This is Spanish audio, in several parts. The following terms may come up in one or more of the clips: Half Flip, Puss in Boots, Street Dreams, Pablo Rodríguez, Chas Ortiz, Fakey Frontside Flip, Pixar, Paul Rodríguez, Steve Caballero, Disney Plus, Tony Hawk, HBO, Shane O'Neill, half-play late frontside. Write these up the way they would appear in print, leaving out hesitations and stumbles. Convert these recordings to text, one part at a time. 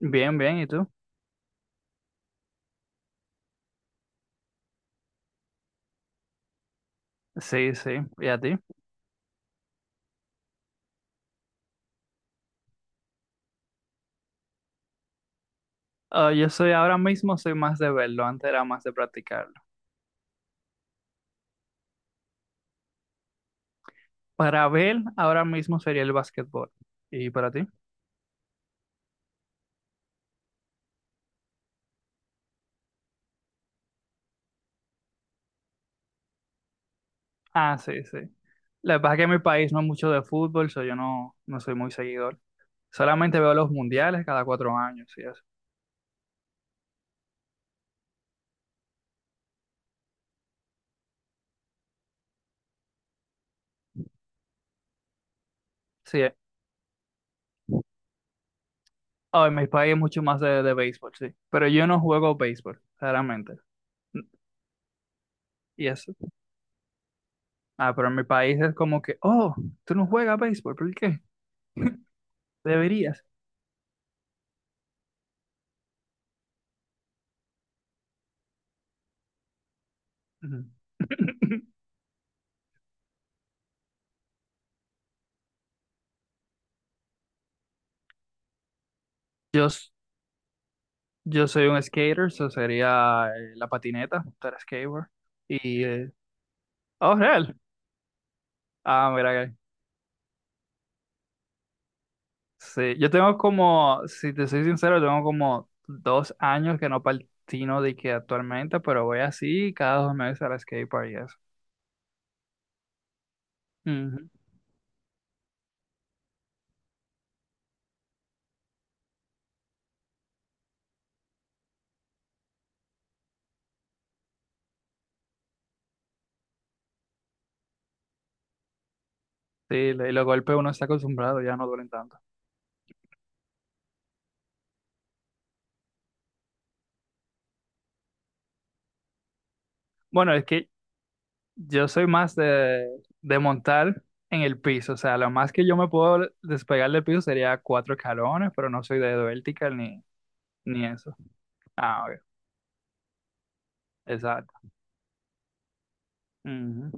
Bien, bien, ¿y tú? Sí, sí, ¿y a ti? Ah, yo soy ahora mismo, soy más de verlo, antes era más de practicarlo. Para ver, ahora mismo sería el básquetbol. ¿Y para ti? Ah, sí, sí. Lo que pasa es que en mi país no es mucho de fútbol, so yo no, soy muy seguidor. Solamente veo los mundiales cada 4 años y eso. Sí. Ah, en mi país es mucho más de béisbol, sí. Pero yo no juego béisbol, claramente. N- Y eso. Ah, pero en mi país es como que, oh, tú no juegas béisbol, ¿por qué? Deberías. Ujú. Yo Yo soy un skater, eso sería la patineta, estar skateboard. Y, oh, real. Ah, mira que. Sí, yo tengo como, si te soy sincero, tengo como 2 años que no patino de que actualmente, pero voy así cada 2 meses al skateboard y eso. Ujú. Sí, y los golpes uno está acostumbrado, ya no duelen tanto. Bueno, es que yo soy más de, montar en el piso, o sea, lo más que yo me puedo despegar del piso sería cuatro escalones, pero no soy de vertical ni eso. Ah, ok. Exacto. Ujú.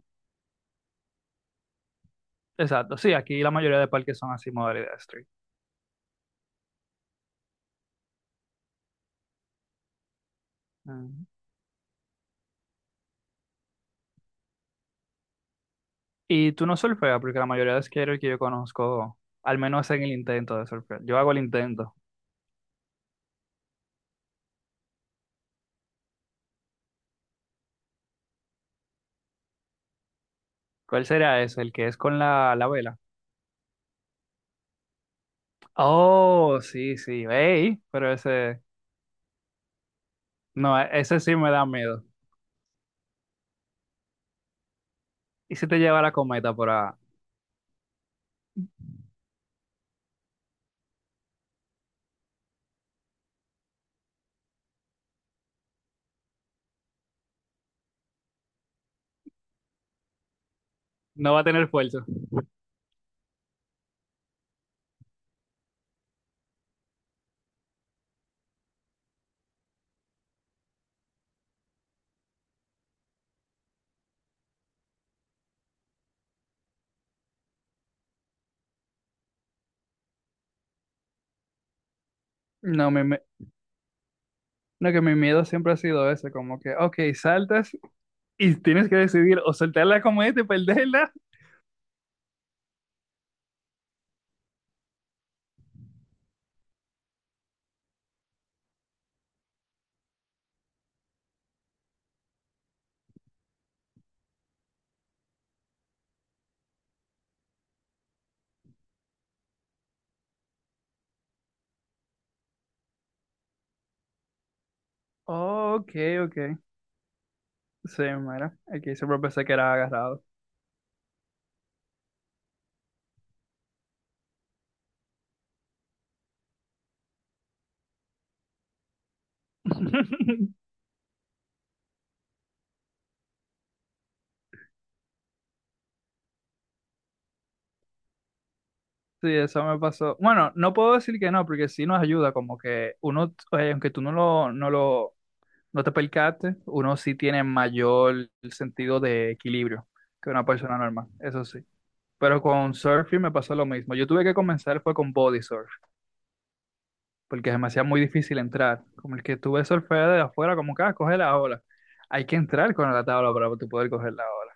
Exacto. Sí, aquí la mayoría de parques son así, modalidad street. Ujú. Y tú no surfeas, porque la mayoría de skaters que yo conozco, al menos hacen el intento de surfear. Yo hago el intento. ¿Cuál será ese? ¿El que es con la vela? Oh, sí, sí. Ey, pero ese, no, ese sí me da miedo. ¿Y si te lleva la cometa por ahí? No va a tener fuerza. No, mi me- no, que mi miedo siempre ha sido ese, como que, ok, saltas y tienes que decidir o soltar la cometa y perderla. Oh, ok, ok. Sí, mira, aquí siempre pensé que era agarrado. Sí, eso me pasó. Bueno, no puedo decir que no, porque sí nos ayuda, como que uno, aunque tú no lo, no te percates, uno sí tiene mayor sentido de equilibrio que una persona normal, eso sí. Pero con surfing me pasó lo mismo. Yo tuve que comenzar fue con body surf, porque se me hacía muy difícil entrar. Como el que tuve surfear de afuera, como que ah, coge la ola. Hay que entrar con la tabla para tú poder coger la ola.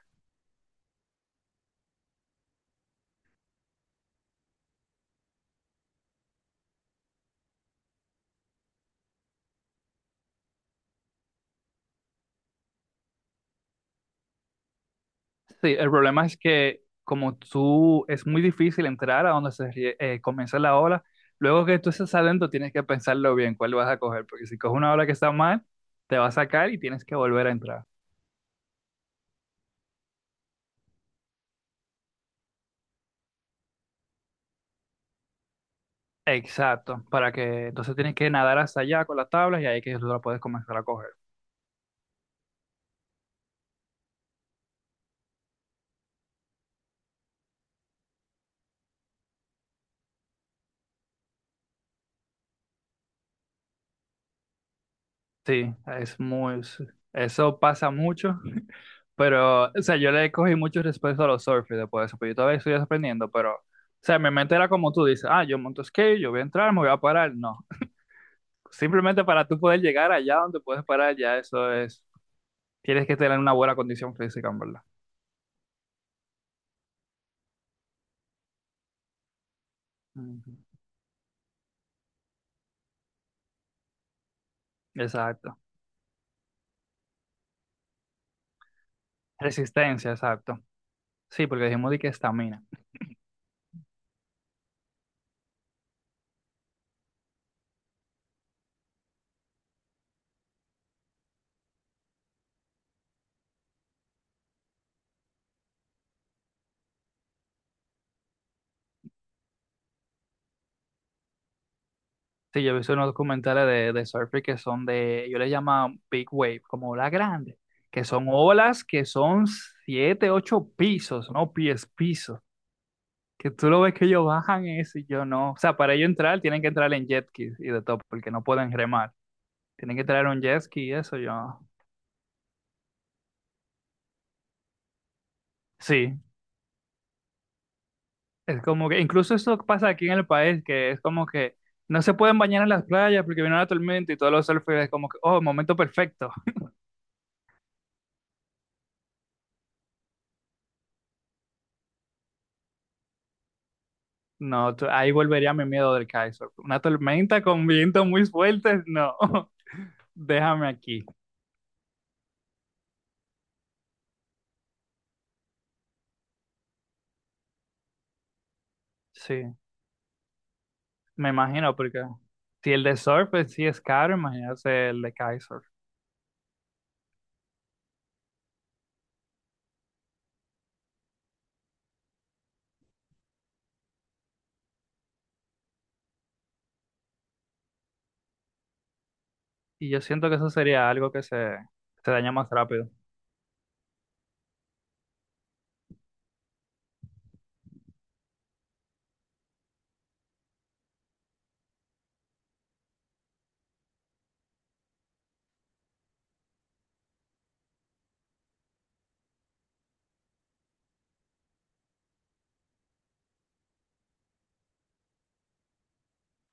Sí, el problema es que como tú es muy difícil entrar a donde comienza la ola, luego que tú estás adentro tienes que pensarlo bien cuál vas a coger, porque si coges una ola que está mal, te va a sacar y tienes que volver a entrar. Exacto, para que entonces tienes que nadar hasta allá con las tablas y ahí que tú la puedes comenzar a coger. Sí, es muy, sí, eso pasa mucho, pero, o sea, yo le cogí mucho respeto a los surfers después de eso, pero yo todavía estoy aprendiendo, pero... O sea, mi mente era como tú dices, ah, yo monto skate, yo voy a entrar, me voy a parar. No, simplemente para tú poder llegar allá donde puedes parar, ya eso es, tienes que tener una buena condición física, en verdad. Ujú. Exacto. Resistencia, exacto. Sí, porque dijimos de que estamina. Sí, yo he visto unos documentales de surfing que son de, yo les llamo big wave, como olas grandes, que son olas que son siete, ocho pisos, no pies, pisos, que tú lo ves que ellos bajan eso y yo no. O sea, para ellos entrar tienen que entrar en jet ski y de todo, porque no pueden remar. Tienen que traer un jet ski y eso yo. Sí, es como que, incluso eso pasa aquí en el país, que es como que no se pueden bañar en las playas porque vino la tormenta y todos los surfers es como que, oh, momento perfecto. No, ahí volvería mi miedo del Kaiser. Una tormenta con vientos muy fuertes, no. Déjame aquí. Sí, me imagino, porque si el de surf pues, sí es caro, imagínate el de kitesurf. Y yo siento que eso sería algo que se daña más rápido.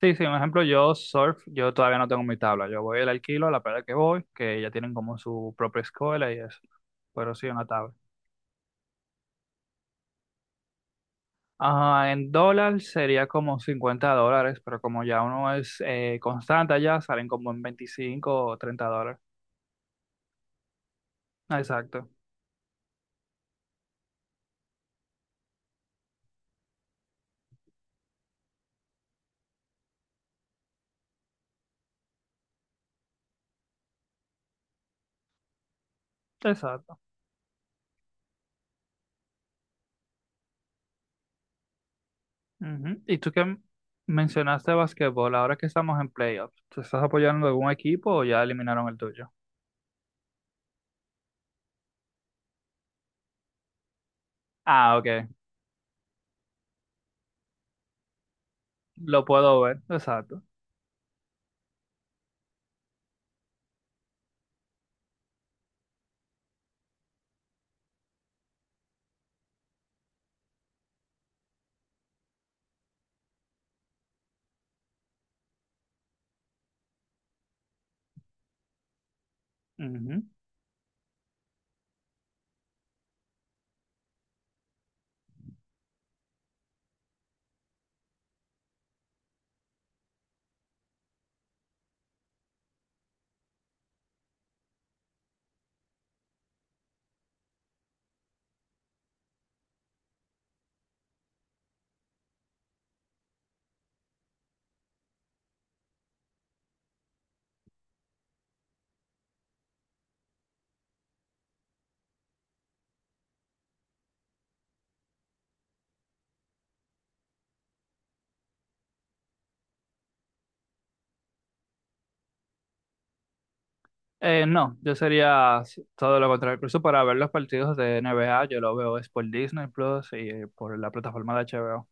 Sí, sí, un ejemplo, yo todavía no tengo mi tabla. Yo voy al alquilo, a la playa que voy, que ya tienen como su propia escuela y eso. Pero sí, una tabla. Ajá, en dólar sería como $50, pero como ya uno es constante allá, salen como en $25 o $30. Exacto, exacto. Ujú. Y tú que mencionaste basquetbol, ahora que estamos en playoffs, ¿tú estás apoyando algún equipo o ya eliminaron el tuyo? Ah, ok, lo puedo ver, exacto. Ujú. No, yo sería todo lo contrario, incluso para ver los partidos de NBA, yo lo veo es por Disney Plus y por la plataforma de HBO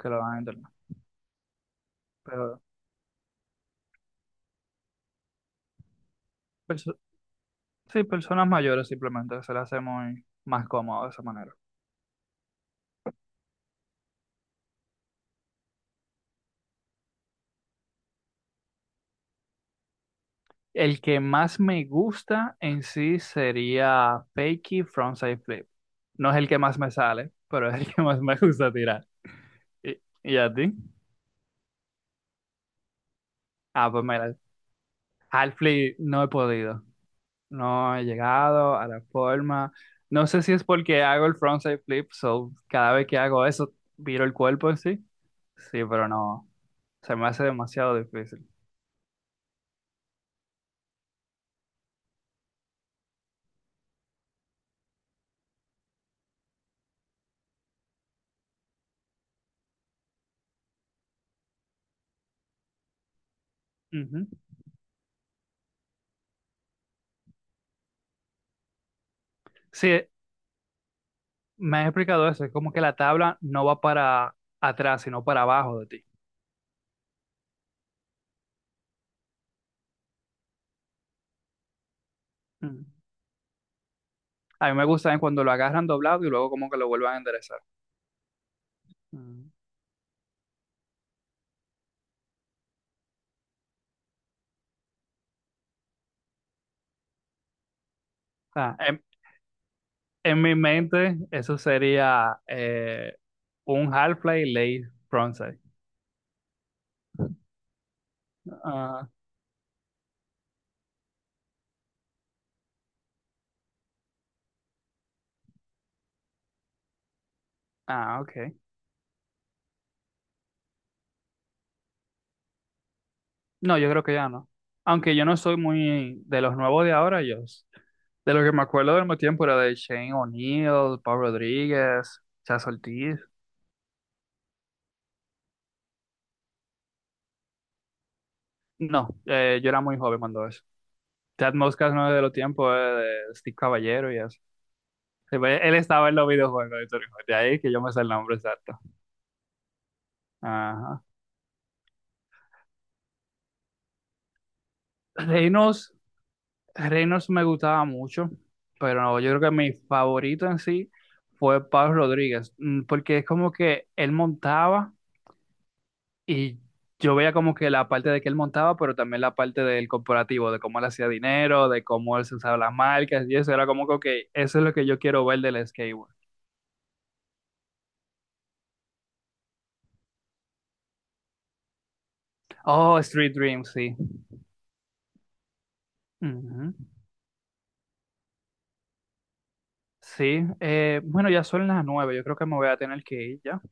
que lo dan en internet. Pero... perso- Sí, personas mayores simplemente se le hace muy más cómodo de esa manera. El que más me gusta en sí sería Fakey Frontside Flip. No es el que más me sale, pero es el que más me gusta tirar. ¿Y, y a ti? Ah, pues mira, Half Flip no he podido. No he llegado a la forma. No sé si es porque hago el Frontside Flip, so cada vez que hago eso, viro el cuerpo en sí. Sí, pero no. Se me hace demasiado difícil. Ujú. Sí, me has explicado eso, es como que la tabla no va para atrás, sino para abajo de ti. Mm. A mí me gusta es cuando lo agarran doblado y luego como que lo vuelvan a enderezar. Mm. O sea, en, mi mente eso sería un half-play late frontside. ah, ah, ok. No, yo creo que ya no. Aunque yo no soy muy de los nuevos de ahora, de lo que me acuerdo del mismo tiempo era de Shane O'Neill, Paul Rodríguez, Chas Ortiz. No, yo era muy joven cuando eso. Ted Moscas no es de los tiempos de Steve Caballero y eso. Sí, pues, él estaba en los videojuegos de Tony Hawk, de ahí que yo me sé el nombre exacto. Ajá. Reynolds, Reynolds me gustaba mucho, pero no, yo creo que mi favorito en sí fue Pablo Rodríguez, porque es como que él montaba y yo veía como que la parte de que él montaba, pero también la parte del corporativo, de cómo él hacía dinero, de cómo él se usaba las marcas y eso, era como que, ok, eso es lo que yo quiero ver del skateboard. Oh, Street Dreams, sí. Ujú. Sí, bueno, ya son las 9, yo creo que me voy a tener que ir ya.